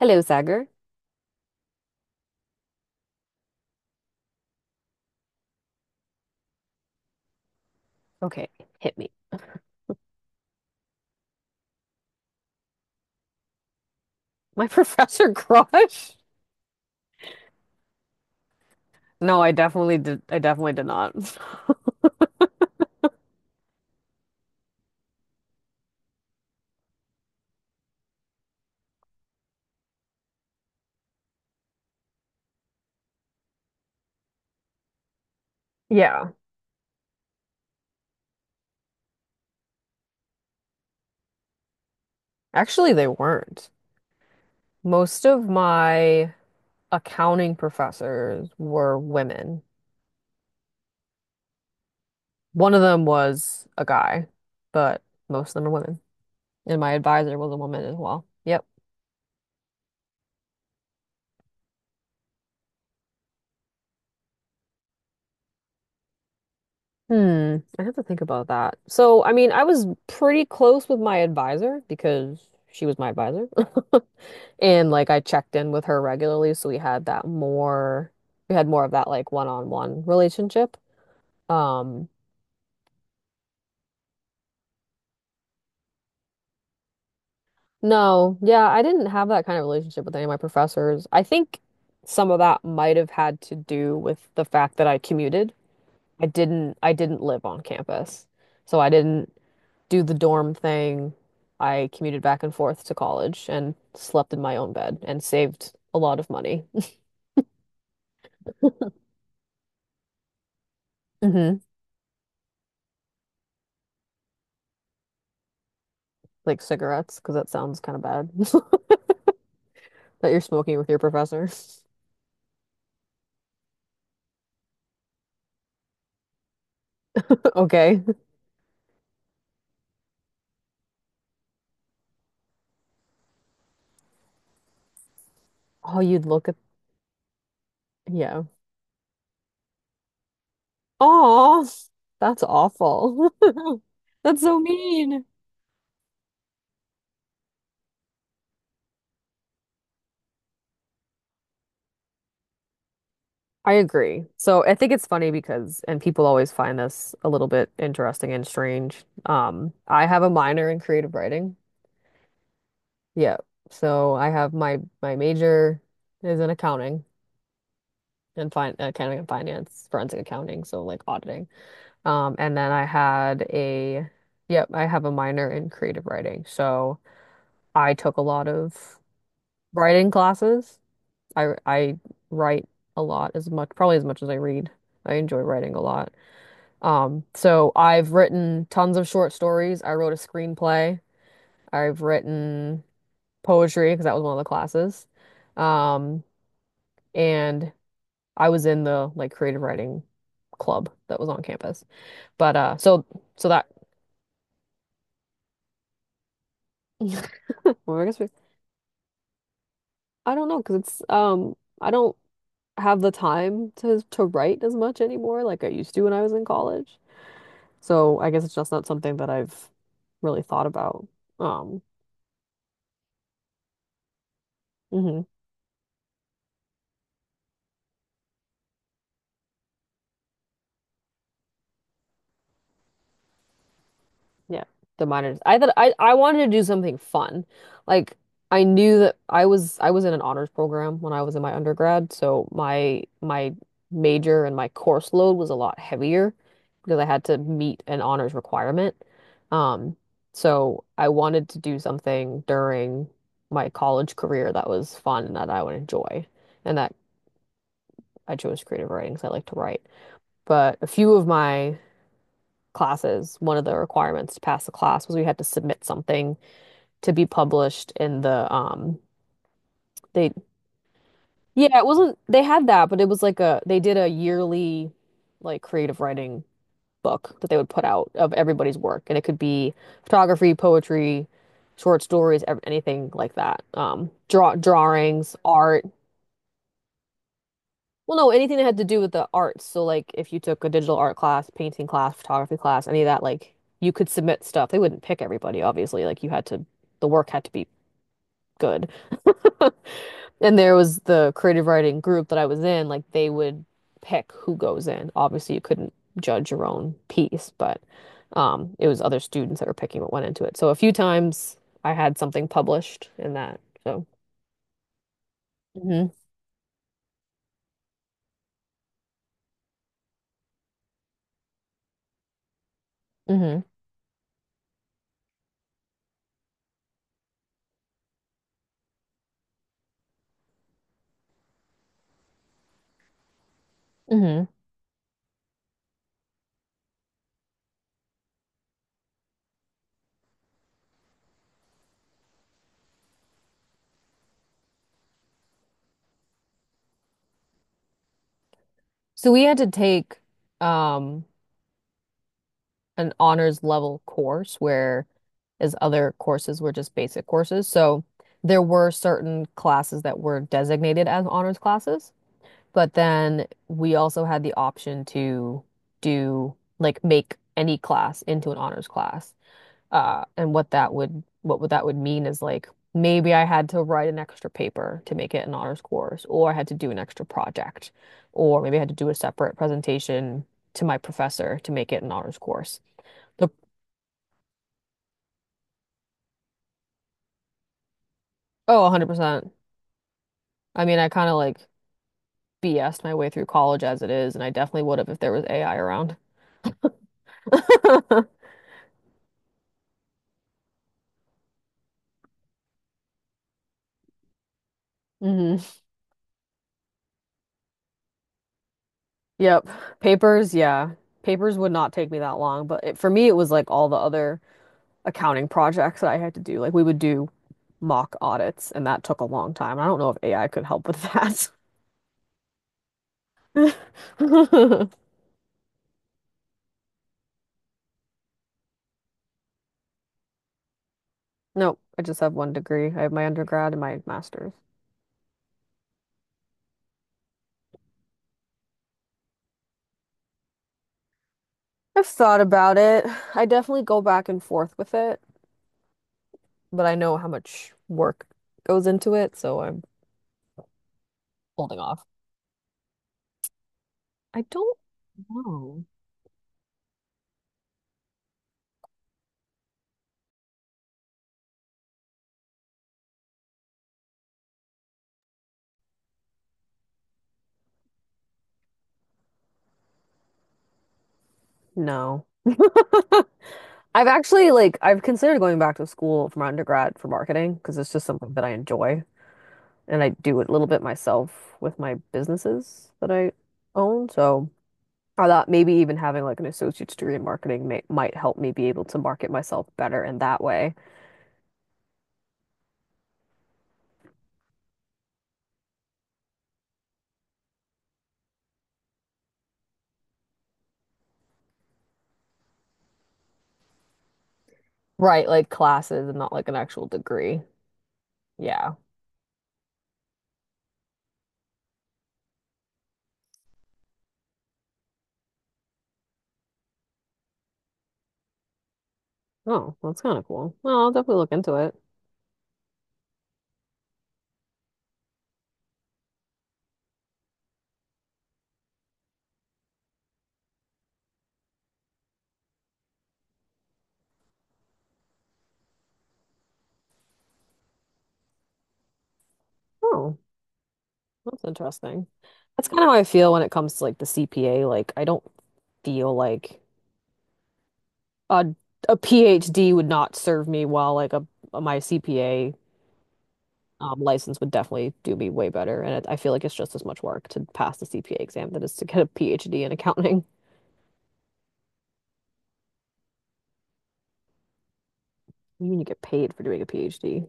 Hello, Sagar. Okay, hit me. My professor crush? No, I definitely did. I definitely did not. Yeah, actually, they weren't. Most of my accounting professors were women. One of them was a guy, but most of them are women. And my advisor was a woman as well. Yep. I have to think about that. So, I mean, I was pretty close with my advisor because she was my advisor. And like I checked in with her regularly, so we had that more we had more of that like one-on-one relationship. Um, no, yeah, I didn't have that kind of relationship with any of my professors. I think some of that might have had to do with the fact that I commuted. I didn't live on campus. So I didn't do the dorm thing. I commuted back and forth to college and slept in my own bed and saved a lot of money. hmm Like cigarettes, because that sounds kind of bad that you're smoking with your professor. Okay. Oh, you'd look at, yeah. Oh, that's awful. That's so mean. I agree. So I think it's funny because, and people always find this a little bit interesting and strange. I have a minor in creative writing. Yeah. So I have my major is in accounting and fin accounting and finance, forensic accounting, so like auditing. And then I had a yep, I have a minor in creative writing. So I took a lot of writing classes. I write a lot as much, probably as much as I read. I enjoy writing a lot. So I've written tons of short stories. I wrote a screenplay. I've written poetry because that was one of the classes. Um, and I was in the like creative writing club that was on campus. But so so that I guess I don't know because it's I don't have the time to write as much anymore like I used to when I was in college. So I guess it's just not something that I've really thought about. Um mhm. Yeah, the minors. I thought I wanted to do something fun. Like I knew that I was in an honors program when I was in my undergrad, so my major and my course load was a lot heavier because I had to meet an honors requirement. Um, so I wanted to do something during my college career that was fun and that I would enjoy, and that I chose creative writing because I like to write. But a few of my classes, one of the requirements to pass the class was we had to submit something to be published in the they yeah, it wasn't they had that, but it was like a they did a yearly like creative writing book that they would put out of everybody's work, and it could be photography, poetry, short stories, ev- anything like that. Drawings, art. Well, no, anything that had to do with the arts. So like if you took a digital art class, painting class, photography class, any of that like you could submit stuff. They wouldn't pick everybody, obviously. Like you had to the work had to be good. And there was the creative writing group that I was in, like they would pick who goes in. Obviously, you couldn't judge your own piece, but it was other students that were picking what went into it. So a few times I had something published in that. So, hmm hmm hmm So we had to take um, an honors level course, where as other courses were just basic courses. So there were certain classes that were designated as honors classes. But then we also had the option to do like make any class into an honors class. And what that would what would that would mean is like maybe I had to write an extra paper to make it an honors course, or I had to do an extra project, or maybe I had to do a separate presentation to my professor to make it an honors course. The, oh, 100%. I mean, I kind of like BS'd my way through college as it is, and I definitely would have if there was AI around. hmm Yep. Papers, yeah. Papers would not take me that long, but for me, it was like all the other accounting projects that I had to do. Like we would do mock audits, and that took a long time. I don't know if AI could help with that. Nope, I just have one degree. I have my undergrad and my master's. I've thought about it. I definitely go back and forth with it, but I know how much work goes into it, so I'm holding off. I don't know. No. I've actually I've considered going back to school for my undergrad for marketing because it's just something that I enjoy, and I do it a little bit myself with my businesses that I own. So I thought maybe even having like an associate's degree in marketing might help me be able to market myself better in that way. Right, like classes and not like an actual degree. Yeah. Oh, that's kind of cool. Well, I'll definitely look into it. Oh, that's interesting. That's kind of how I feel when it comes to like the CPA. Like I don't feel like Uh, a PhD would not serve me well, like a my CPA license would definitely do me way better. And I feel like it's just as much work to pass the CPA exam than it is to get a PhD in accounting. You mean you get paid for doing a PhD?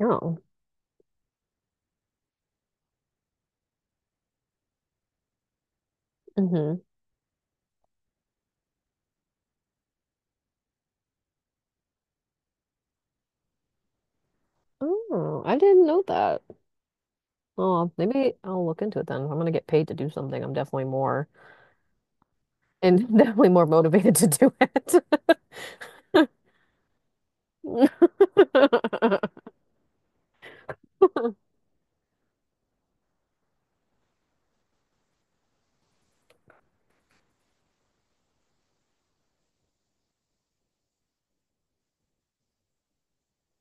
Oh. hmm Oh, I didn't know that. Oh, maybe I'll look into it then. If I'm gonna get paid to do something, I'm definitely more and definitely more motivated to do it.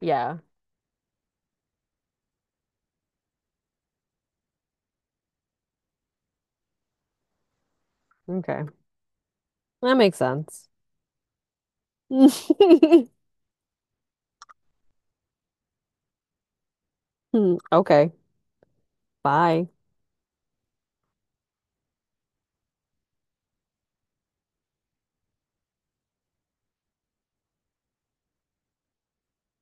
Yeah. Okay. That makes sense. Okay. Bye.